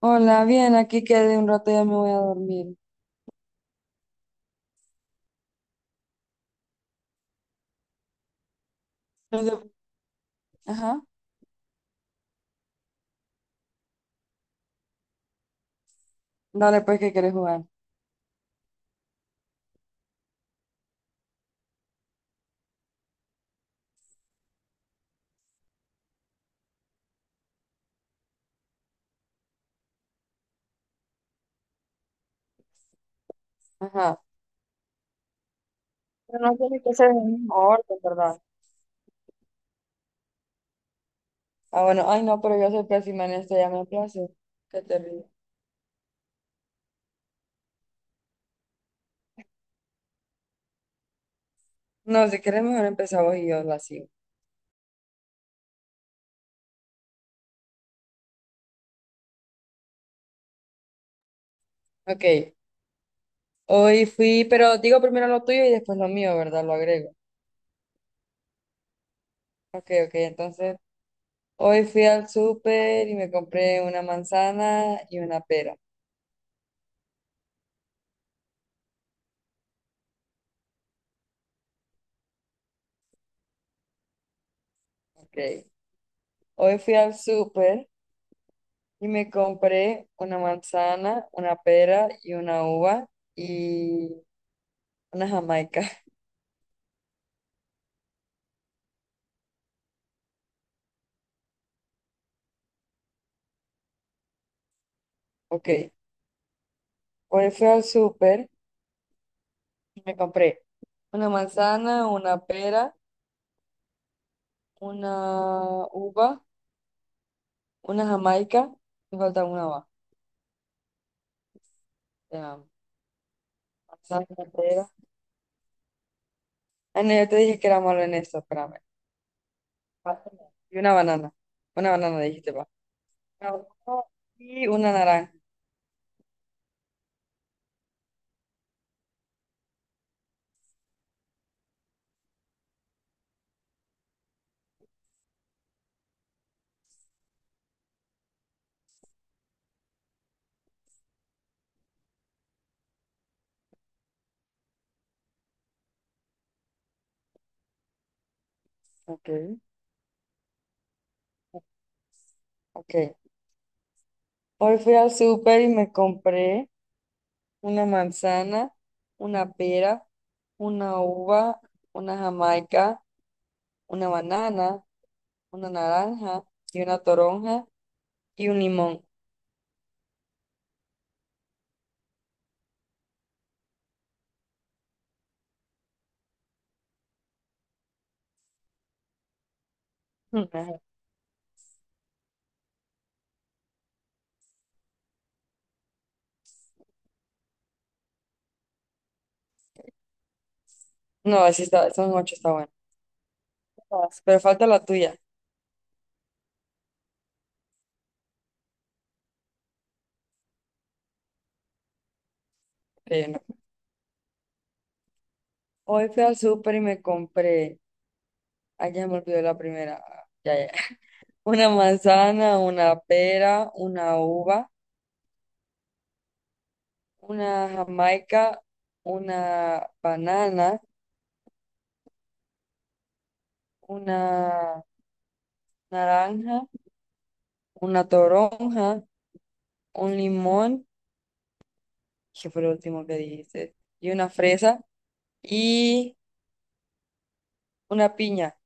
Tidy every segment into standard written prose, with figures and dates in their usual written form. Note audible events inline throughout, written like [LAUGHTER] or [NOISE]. Hola, bien, aquí quedé un rato, y ya me voy a dormir. No sé. Ajá. Dale, pues, ¿qué quieres jugar? Ajá, pero no tiene que ser en el mismo orden, ¿verdad? Ah, bueno, ay, no, pero yo soy pésima en esto, ya me place. Qué terrible. No, si quieres, mejor empezamos y yo la sigo. Ok, hoy fui, pero digo primero lo tuyo y después lo mío, ¿verdad? Lo agrego. Ok, ok, entonces, hoy fui al súper y me compré una manzana y una pera. Ok. Hoy fui al súper. Y me compré una manzana, una pera y una uva y una jamaica. [LAUGHS] Ok, pues fui al súper y me compré una manzana, una pera, una uva, una jamaica. Me falta una uva. Ya. Manzana, pera. Ah, no, yo te dije que era malo en esto, espérame. Y una banana. Una banana dijiste, va. Una banana y una naranja. Ok, ok. Hoy fui al súper y me compré una manzana, una pera, una uva, una jamaica, una banana, una naranja y una toronja y un limón. Mm, ajá. No, así está, son ocho, está bueno. Todas. Pero falta la tuya. Ok, no. Hoy fui al súper y me compré, ay, ya me olvidó la primera. Ah, ya, ya. [LAUGHS] Una manzana, una pera, una uva, una jamaica, una banana, una naranja, una toronja, un limón, que fue lo último que dijiste, y una fresa y una piña.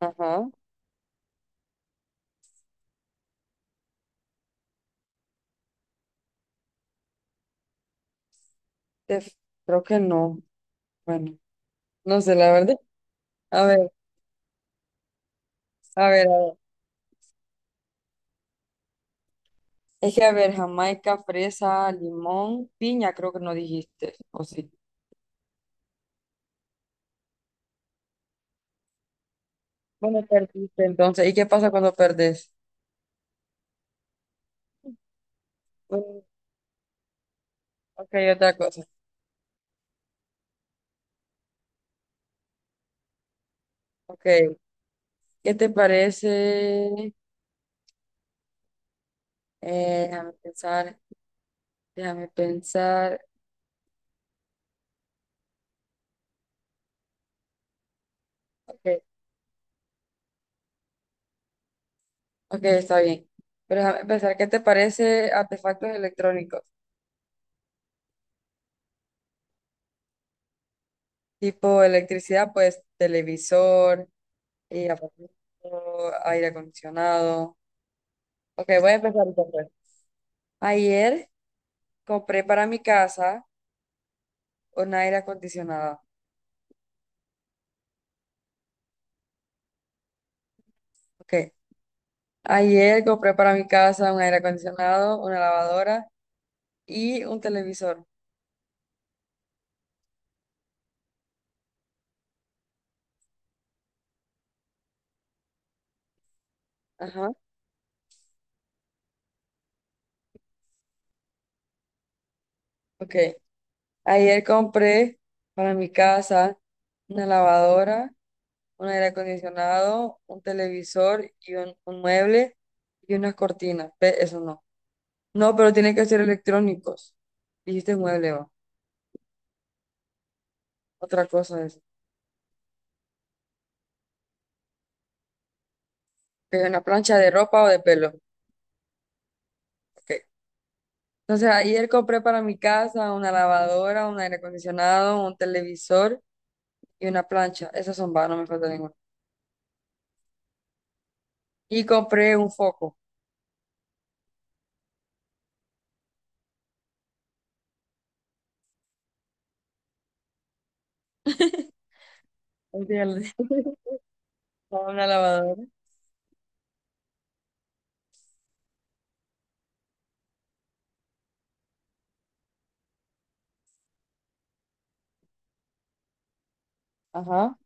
Ajá. Te- Creo que no. Bueno, no sé, la verdad. A ver, a ver, a ver. Es que, a ver, jamaica, fresa, limón, piña, creo que no dijiste, ¿o sí? Bueno, perdiste entonces. ¿Y qué pasa cuando perdés? Bueno, ok, otra cosa. Ok, ¿qué te parece? Déjame pensar, déjame pensar. Ok. Ok, está bien. Pero déjame empezar, ¿qué te parece artefactos electrónicos? Tipo electricidad, pues televisor, y aparato, aire acondicionado. Ok, voy a empezar yo, pues. Ayer compré para mi casa un aire acondicionado. Ok, ayer compré para mi casa un aire acondicionado, una lavadora y un televisor. Ajá, ok. Ayer compré para mi casa una lavadora, un aire acondicionado, un televisor y un mueble y unas cortinas. Eso no. No, pero tienen que ser electrónicos. Dijiste mueble, va. Otra cosa es. Que una plancha de ropa o de pelo. Ok. Entonces ayer compré para mi casa una lavadora, un aire acondicionado, un televisor y una plancha. Esas son va, no me falta ninguna. Y compré un foco. Un [LAUGHS] Una lavadora. Ajá.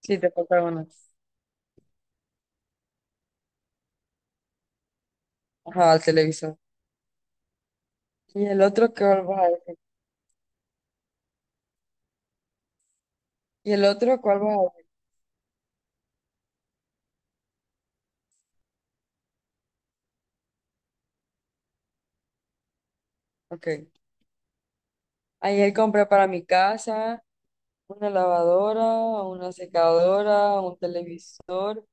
Sí, te falta una. Ajá, al televisor. Y el otro, ¿qué vas a decir? ¿Y el otro cuál vas a ver? Ok. Ayer compré para mi casa una lavadora, una secadora, un televisor,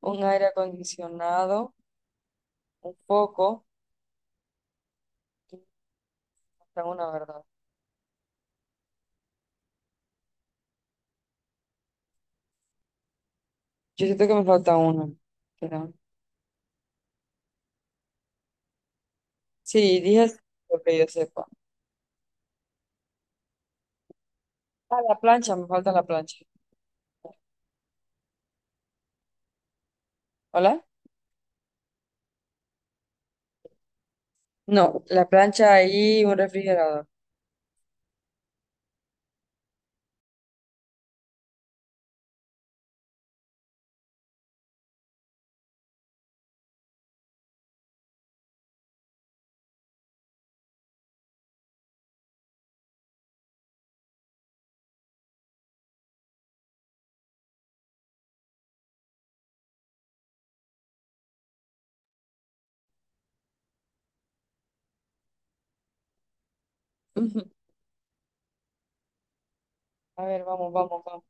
un aire acondicionado, un foco. Y me falta una, ¿verdad? Yo siento que me falta una, pero- sí, dije lo que yo sepa. Ah, la plancha, me falta la plancha. ¿Hola? No, la plancha y un refrigerador. Ujú. A ver, vamos, vamos, vamos.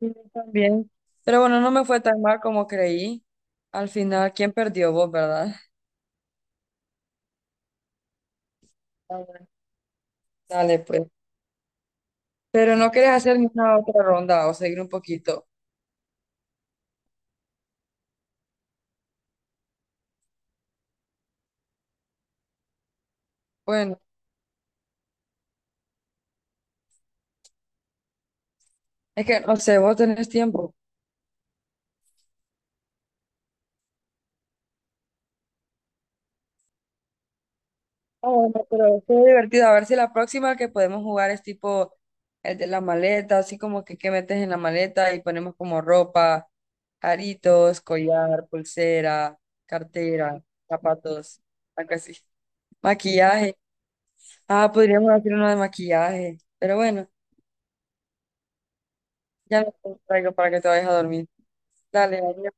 Sí, yo también. Pero bueno, no me fue tan mal como creí. Al final, ¿quién perdió vos, verdad? Dale, pues. Pero no quieres hacer una otra ronda o seguir un poquito. Bueno, es que no sé, vos tenés tiempo. Ah, bueno, pero qué divertido. A ver si la próxima que podemos jugar es tipo el de la maleta, así como que qué metes en la maleta y ponemos como ropa, aritos, collar, pulsera, cartera, zapatos, algo así. Maquillaje. Ah, podríamos hacer uno de maquillaje. Pero bueno, ya no te traigo para que te vayas a dormir. Dale, adiós.